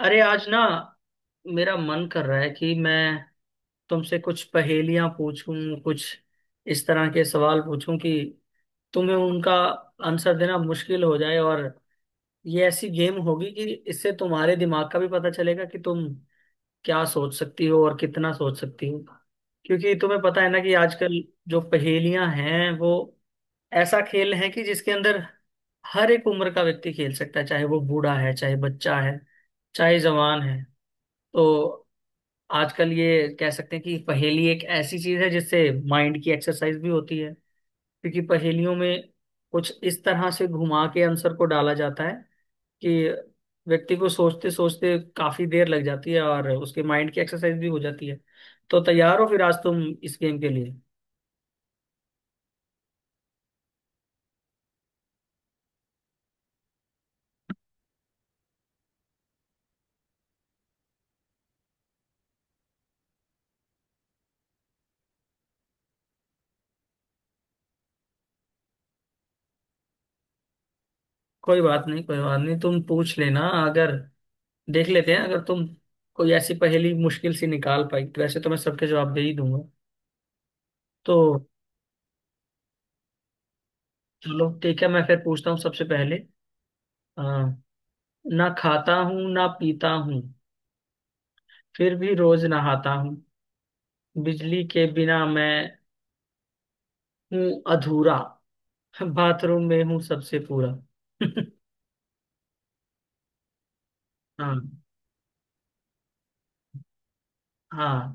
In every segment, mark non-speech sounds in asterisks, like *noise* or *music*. अरे आज ना, मेरा मन कर रहा है कि मैं तुमसे कुछ पहेलियां पूछूं, कुछ इस तरह के सवाल पूछूं कि तुम्हें उनका आंसर देना मुश्किल हो जाए। और ये ऐसी गेम होगी कि इससे तुम्हारे दिमाग का भी पता चलेगा कि तुम क्या सोच सकती हो और कितना सोच सकती हो। क्योंकि तुम्हें पता है ना कि आजकल जो पहेलियां हैं वो ऐसा खेल है कि जिसके अंदर हर एक उम्र का व्यक्ति खेल सकता है, चाहे वो बूढ़ा है, चाहे बच्चा है, चाहे जवान है। तो आजकल ये कह सकते हैं कि पहेली एक ऐसी चीज है जिससे माइंड की एक्सरसाइज भी होती है। क्योंकि पहेलियों में कुछ इस तरह से घुमा के आंसर को डाला जाता है कि व्यक्ति को सोचते सोचते काफी देर लग जाती है और उसके माइंड की एक्सरसाइज भी हो जाती है। तो तैयार हो फिर आज तुम इस गेम के लिए? कोई बात नहीं, कोई बात नहीं, तुम पूछ लेना। अगर देख लेते हैं, अगर तुम कोई ऐसी पहेली मुश्किल सी निकाल पाई, वैसे तो मैं सबके जवाब दे ही दूंगा। तो चलो ठीक है, मैं फिर पूछता हूँ सबसे पहले। हाँ। ना खाता हूँ ना पीता हूँ, फिर भी रोज नहाता हूँ। बिजली के बिना मैं हूँ अधूरा, बाथरूम में हूँ सबसे पूरा। *laughs* हाँ। हाँ,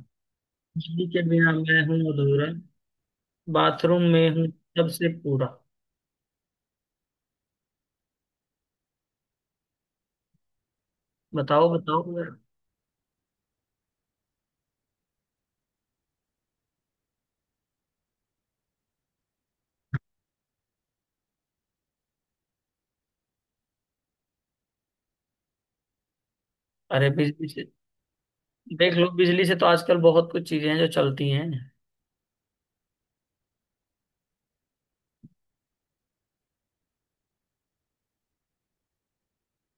बिजली के बिना मैं हूँ अधूरा, बाथरूम में हूँ सबसे पूरा। बताओ बताओ जरा। अरे बिजली से, देख लो बिजली से तो आजकल बहुत कुछ चीजें हैं जो चलती हैं।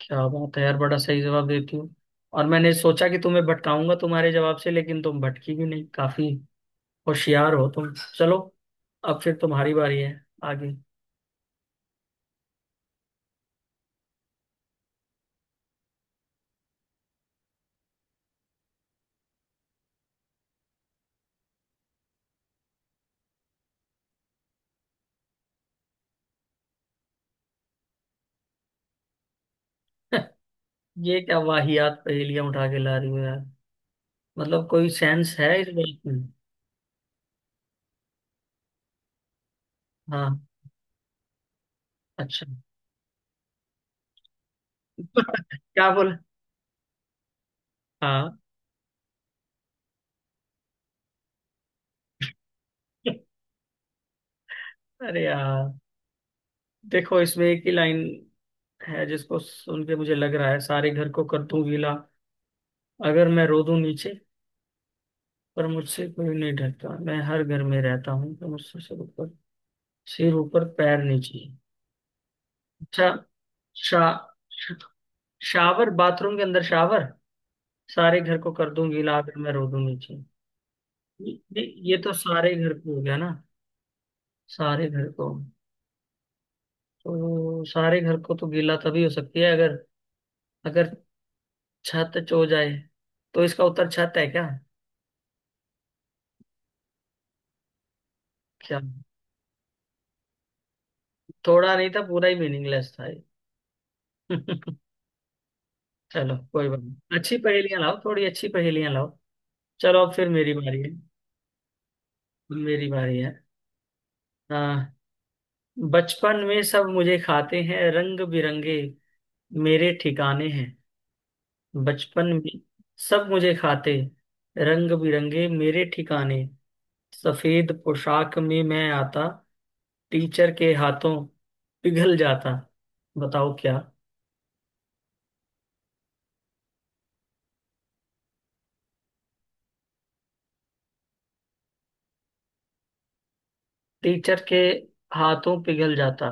क्या बात है यार, बड़ा सही जवाब देती हो। और मैंने सोचा कि तुम्हें भटकाऊंगा तुम्हारे जवाब से, लेकिन तुम भटकी भी नहीं। काफी होशियार हो तुम। चलो, अब फिर तुम्हारी बारी है आगे। *laughs* ये क्या वाहियात पहेलियां उठा के ला रही हो यार। मतलब कोई सेंस है इस बात में। हाँ। अच्छा। *laughs* क्या बोला? हाँ। *laughs* अरे यार, देखो इसमें एक ही लाइन है जिसको सुन के मुझे लग रहा है सारे घर को कर दूं गीला अगर मैं रो दूं नीचे। पर मुझसे कोई नहीं डरता, मैं हर घर में रहता हूँ, तो मुझसे सब ऊपर, सिर ऊपर पैर नीचे। अच्छा, शा शावर, बाथरूम के अंदर शावर। सारे घर को कर दूं गीला आकर मैं रो दूंगी जी। ये ये तो सारे घर को हो गया ना। सारे घर को। तो सारे घर को तो गीला तभी हो सकती है अगर अगर छत चो जाए। तो इसका उत्तर छत है क्या? क्या, थोड़ा नहीं था, पूरा ही मीनिंगलेस था ये। *laughs* चलो, कोई बात नहीं। अच्छी पहेलियां लाओ, थोड़ी अच्छी पहेलियां लाओ। चलो अब फिर मेरी बारी है। मेरी बारी है। आ, बचपन में सब मुझे खाते हैं, रंग बिरंगे मेरे ठिकाने हैं। बचपन में सब मुझे खाते, रंग बिरंगे मेरे ठिकाने। सफेद पोशाक में मैं आता, टीचर के हाथों पिघल जाता। बताओ क्या। टीचर के हाथों पिघल जाता।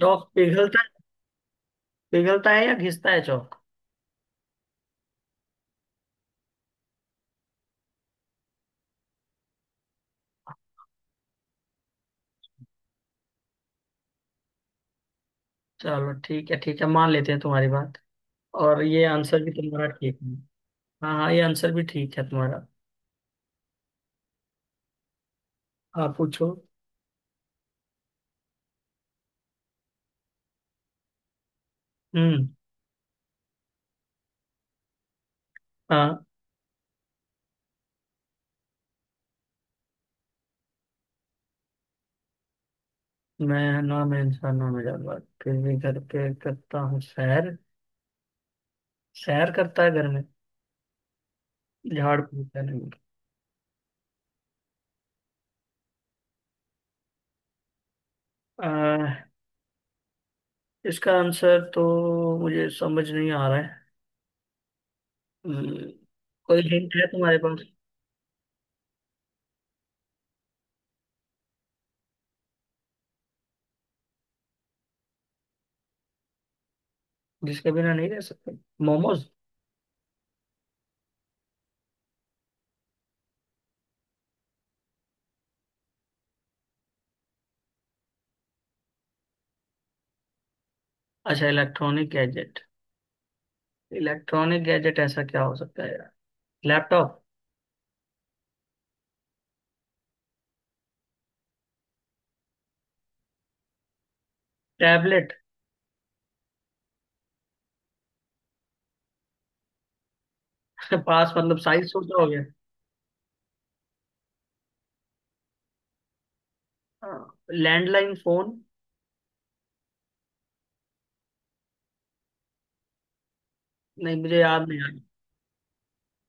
चौक पिघलता? पिघलता है या घिसता है चौक? चलो ठीक है, ठीक है, मान लेते हैं तुम्हारी बात। और ये आंसर भी तुम्हारा ठीक है। हाँ हाँ, ये आंसर भी ठीक है तुम्हारा। आप पूछो। हम्म। हाँ। मैं ना, मैं इंसानों में जानवर फिर भी घर पे करता हूँ सैर। सैर करता है घर में, झाड़ फूकता नहीं। अह, इसका आंसर तो मुझे समझ नहीं आ रहा है। हम्म, कोई हिंट है तुम्हारे पास? जिसके बिना नहीं रह सकते। मोमोज? अच्छा, इलेक्ट्रॉनिक गैजेट। इलेक्ट्रॉनिक गैजेट ऐसा क्या हो सकता है यार। लैपटॉप? टैबलेट? *laughs* पास मतलब साइज छोटा हो गया। हाँ। Landline phone. नहीं, मुझे याद नहीं आ रहा।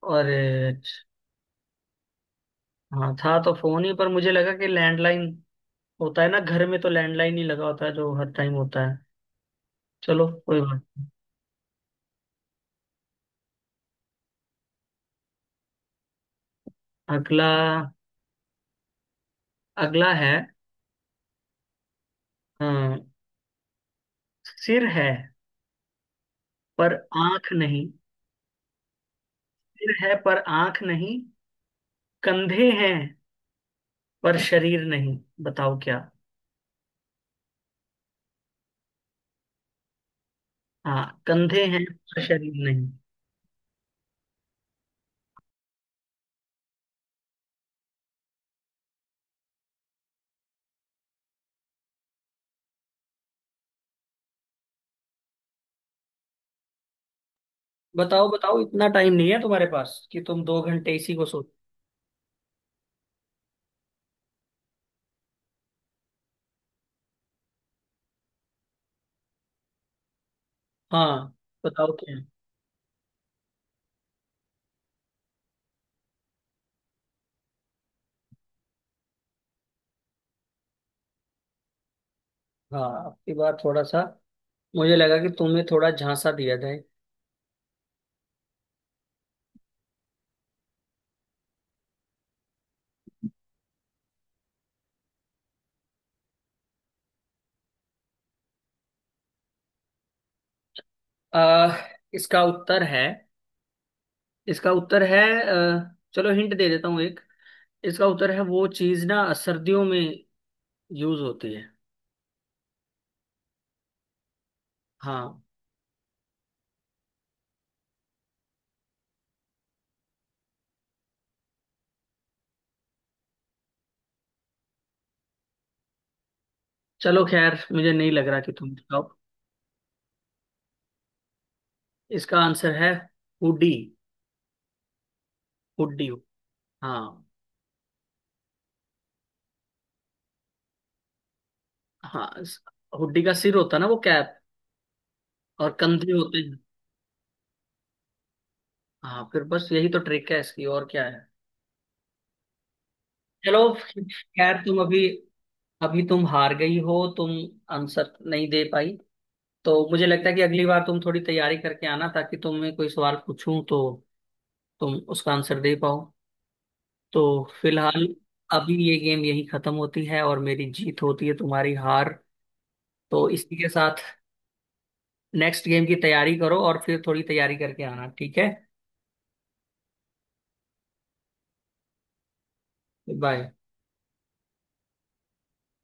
और? हाँ, था तो फोन ही, पर मुझे लगा कि लैंडलाइन होता है ना घर में, तो लैंडलाइन ही लगा होता है जो हर टाइम होता है। चलो, कोई बात नहीं। अगला अगला है। हाँ, सिर है पर आंख नहीं। सिर है पर आंख नहीं, कंधे हैं पर शरीर नहीं। बताओ क्या। हाँ, कंधे हैं पर शरीर नहीं। बताओ बताओ, इतना टाइम नहीं है तुम्हारे पास कि तुम 2 घंटे इसी को सोच। हाँ। बताओ क्या है? हाँ, आपकी बात थोड़ा सा, मुझे लगा कि तुम्हें थोड़ा झांसा दिया जाए। आ, इसका उत्तर है, इसका उत्तर है, चलो हिंट दे देता हूँ एक। इसका उत्तर है वो चीज ना सर्दियों में यूज होती है। हाँ। चलो खैर, मुझे नहीं लग रहा कि तुम बताओ। इसका आंसर है हुडी। हुडी। हाँ। हाँ, हुडी का सिर होता है ना वो कैप, और कंधे होते हैं। हाँ, फिर बस यही तो ट्रिक है इसकी, और क्या है। चलो खैर, तुम अभी, अभी तुम हार गई हो तुम। आंसर नहीं दे पाई। तो मुझे लगता है कि अगली बार तुम थोड़ी तैयारी करके आना, ताकि तुम्हें कोई सवाल पूछूं तो तुम उसका आंसर दे पाओ। तो फिलहाल अभी ये गेम यही खत्म होती है और मेरी जीत होती है, तुम्हारी हार। तो इसी के साथ नेक्स्ट गेम की तैयारी करो और फिर थोड़ी तैयारी करके आना, ठीक है। बाय।